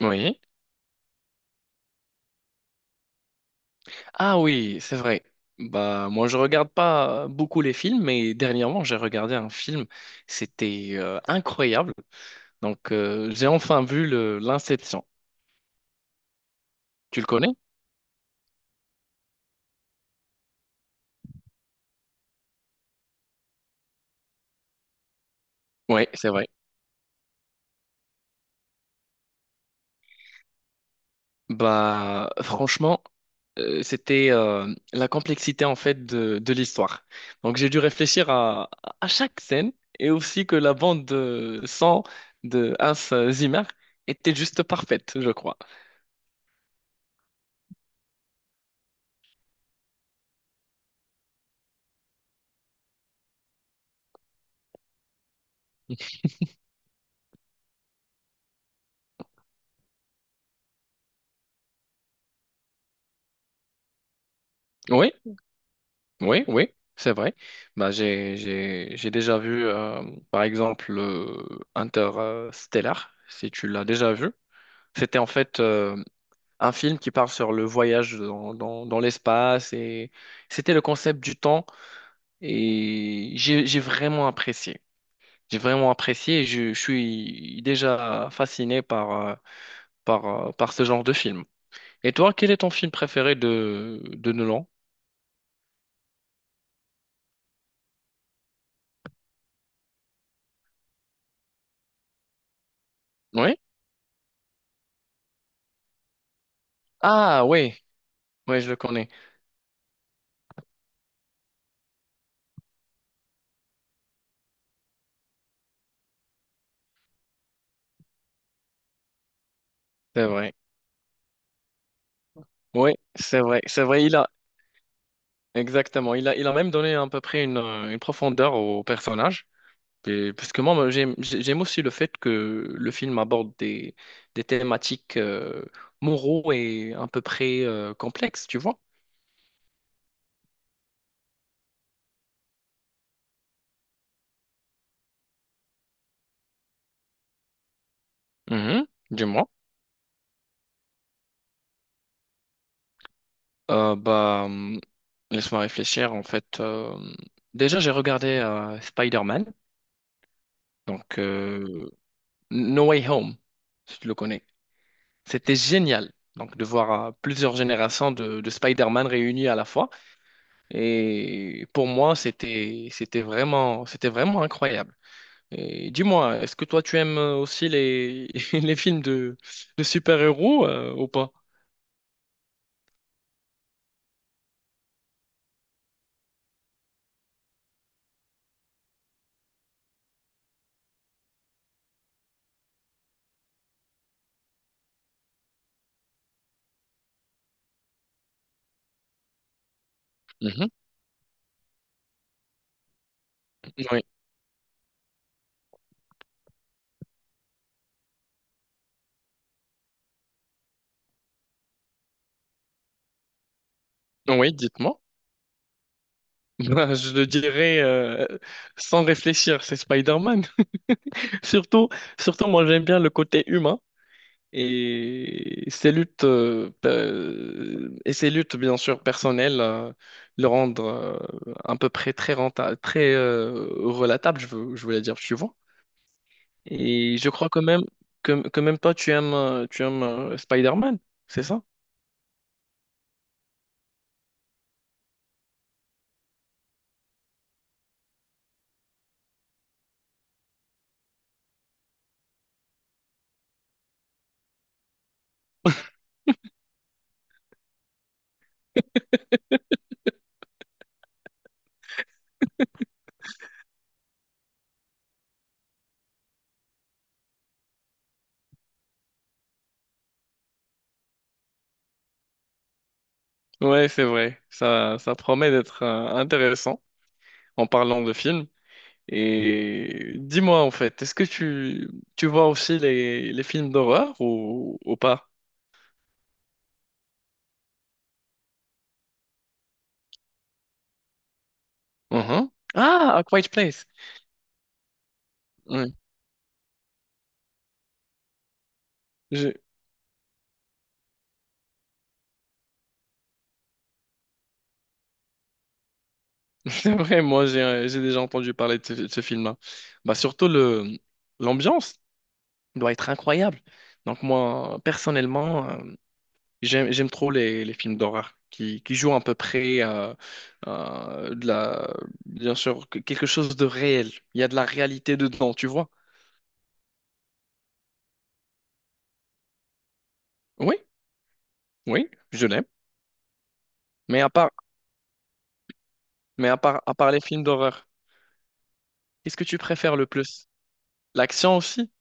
Oui. Ah oui, c'est vrai. Bah moi je regarde pas beaucoup les films, mais dernièrement j'ai regardé un film. C'était incroyable. Donc, j'ai enfin vu le l'Inception. Tu le connais? Oui, c'est vrai. Bah franchement, c'était la complexité en fait de l'histoire. Donc j'ai dû réfléchir à chaque scène, et aussi que la bande de son de Hans Zimmer était juste parfaite, je crois. Oui. Oui, oui, c'est vrai. Bah, j'ai déjà vu, par exemple, le Interstellar, si tu l'as déjà vu. C'était en fait un film qui parle sur le voyage dans l'espace, et c'était le concept du temps, et j'ai vraiment apprécié. J'ai vraiment apprécié et je suis déjà fasciné par, par, par ce genre de film. Et toi, quel est ton film préféré de Nolan? Oui? Ah, oui, oui, je le connais. C'est vrai. Oui, c'est vrai, exactement, il a même donné à peu près une profondeur au personnage. Parce que moi, j'aime aussi le fait que le film aborde des thématiques moraux et à peu près complexes, tu vois. Mhm, dis-moi. Euh, bah, hum, laisse-moi réfléchir, en fait. Déjà, j'ai regardé Spider-Man, donc No Way Home, si tu le connais. C'était génial. Donc, de voir plusieurs générations de Spider-Man réunies à la fois. Et pour moi, c'était vraiment incroyable. Et dis-moi, est-ce que toi, tu aimes aussi les, les films de super-héros ou pas? Mhm. Oui, oui, dites-moi. Ben, je le dirais sans réfléchir, c'est Spider-Man. Surtout, surtout, moi, j'aime bien le côté humain. Et ces luttes, et ces luttes bien sûr personnelles, le rendre à peu près très rentable, très relatable, je voulais dire, tu vois. Et je crois quand même que même toi, tu aimes Spider-Man, c'est ça? Ouais, c'est vrai. Ça promet d'être intéressant, en parlant de films. Et dis-moi en fait, est-ce que tu vois aussi les films d'horreur, ou pas? Mhm. Ah, A Quiet Place. Ouais. J'ai- C'est vrai, moi j'ai déjà entendu parler de ce film-là. Bah surtout le l'ambiance doit être incroyable. Donc moi personnellement, j'aime, j'aime trop les films d'horreur qui jouent à peu près de la, bien sûr, quelque chose de réel. Il y a de la réalité dedans, tu vois? Oui, oui, je l'aime. Mais à part, à part les films d'horreur, qu'est-ce que tu préfères le plus? L'action aussi?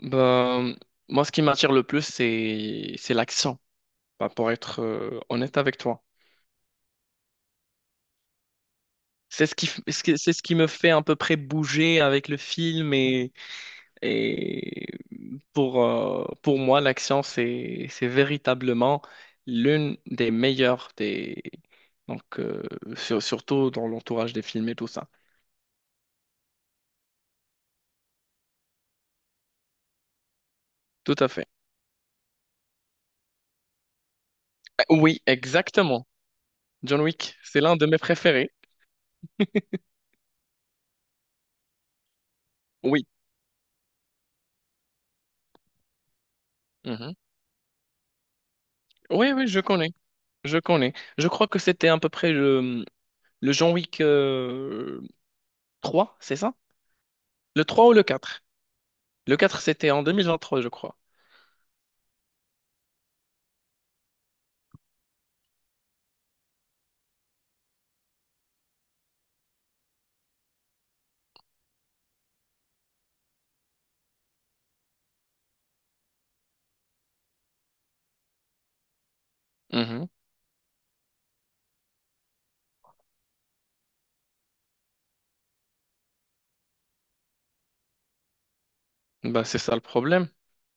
Ben, moi, ce qui m'attire le plus, c'est l'action. Ben, pour être honnête avec toi. C'est ce qui, c'est ce qui me fait à peu près bouger avec le film. Et pour moi, l'action, c'est véritablement l'une des meilleures des... Donc, surtout dans l'entourage des films et tout ça. Tout à fait. Oui, exactement. John Wick, c'est l'un de mes préférés. Oui. Mhm. Oui, oui, je connais. Je connais. Je crois que c'était à peu près le John Wick 3, c'est ça? Le 3 ou le quatre. Le 4 c'était en 2023, je crois. Mhm. Bah, c'est ça le problème.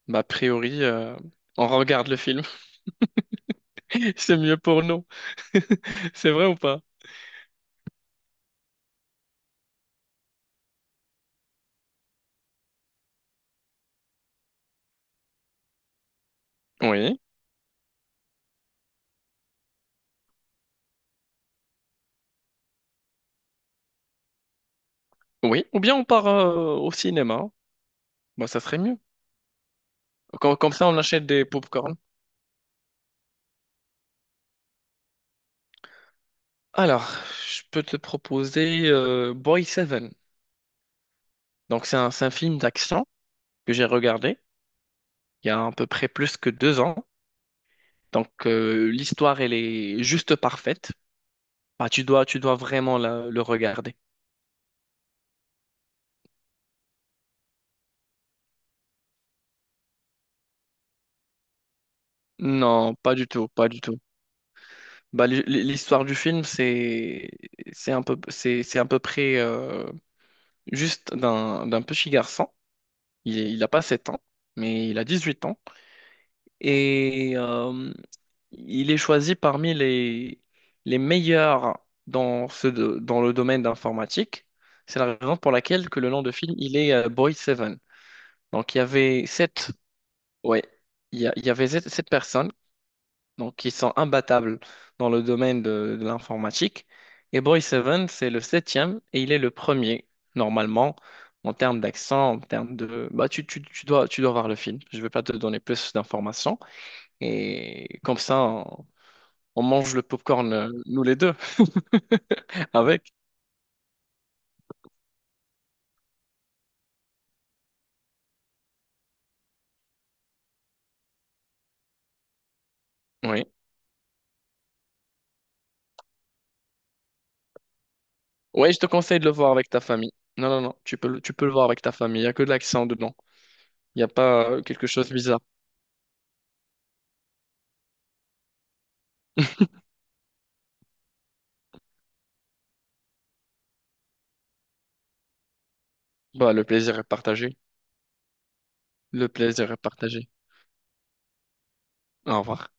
Bah, a priori, on regarde le film. C'est mieux pour nous. C'est vrai ou pas? Oui. Oui. Ou bien on part au cinéma. Bah, ça serait mieux. Comme ça, on achète des popcorn. Alors, je peux te proposer Boy Seven. Donc, c'est un film d'action que j'ai regardé il y a à peu près plus que 2 ans. Donc, l'histoire, elle est juste parfaite. Bah, tu dois vraiment le regarder. Non, pas du tout, pas du tout. Bah, l'histoire du film, c'est un peu c'est à peu près juste d'un petit garçon. Il a pas 7 ans, mais il a 18 ans et il est choisi parmi les meilleurs dans le domaine d'informatique. C'est la raison pour laquelle que le nom de film il est Boy Seven. Donc il y avait sept ouais il y avait sept sept personnes donc qui sont imbattables dans le domaine de l'informatique. Et Boy Seven, c'est le septième et il est le premier, normalement, en termes d'accent, en termes de... Bah, tu dois voir le film, je ne vais pas te donner plus d'informations. Et comme ça, on mange le popcorn, nous les deux, avec. Oui. Oui, je te conseille de le voir avec ta famille. Non, non, non, tu peux, tu peux le voir avec ta famille, il n'y a que de l'accent dedans. Il n'y a pas quelque chose de bizarre. Bah, le plaisir est partagé. Le plaisir est partagé. Au revoir.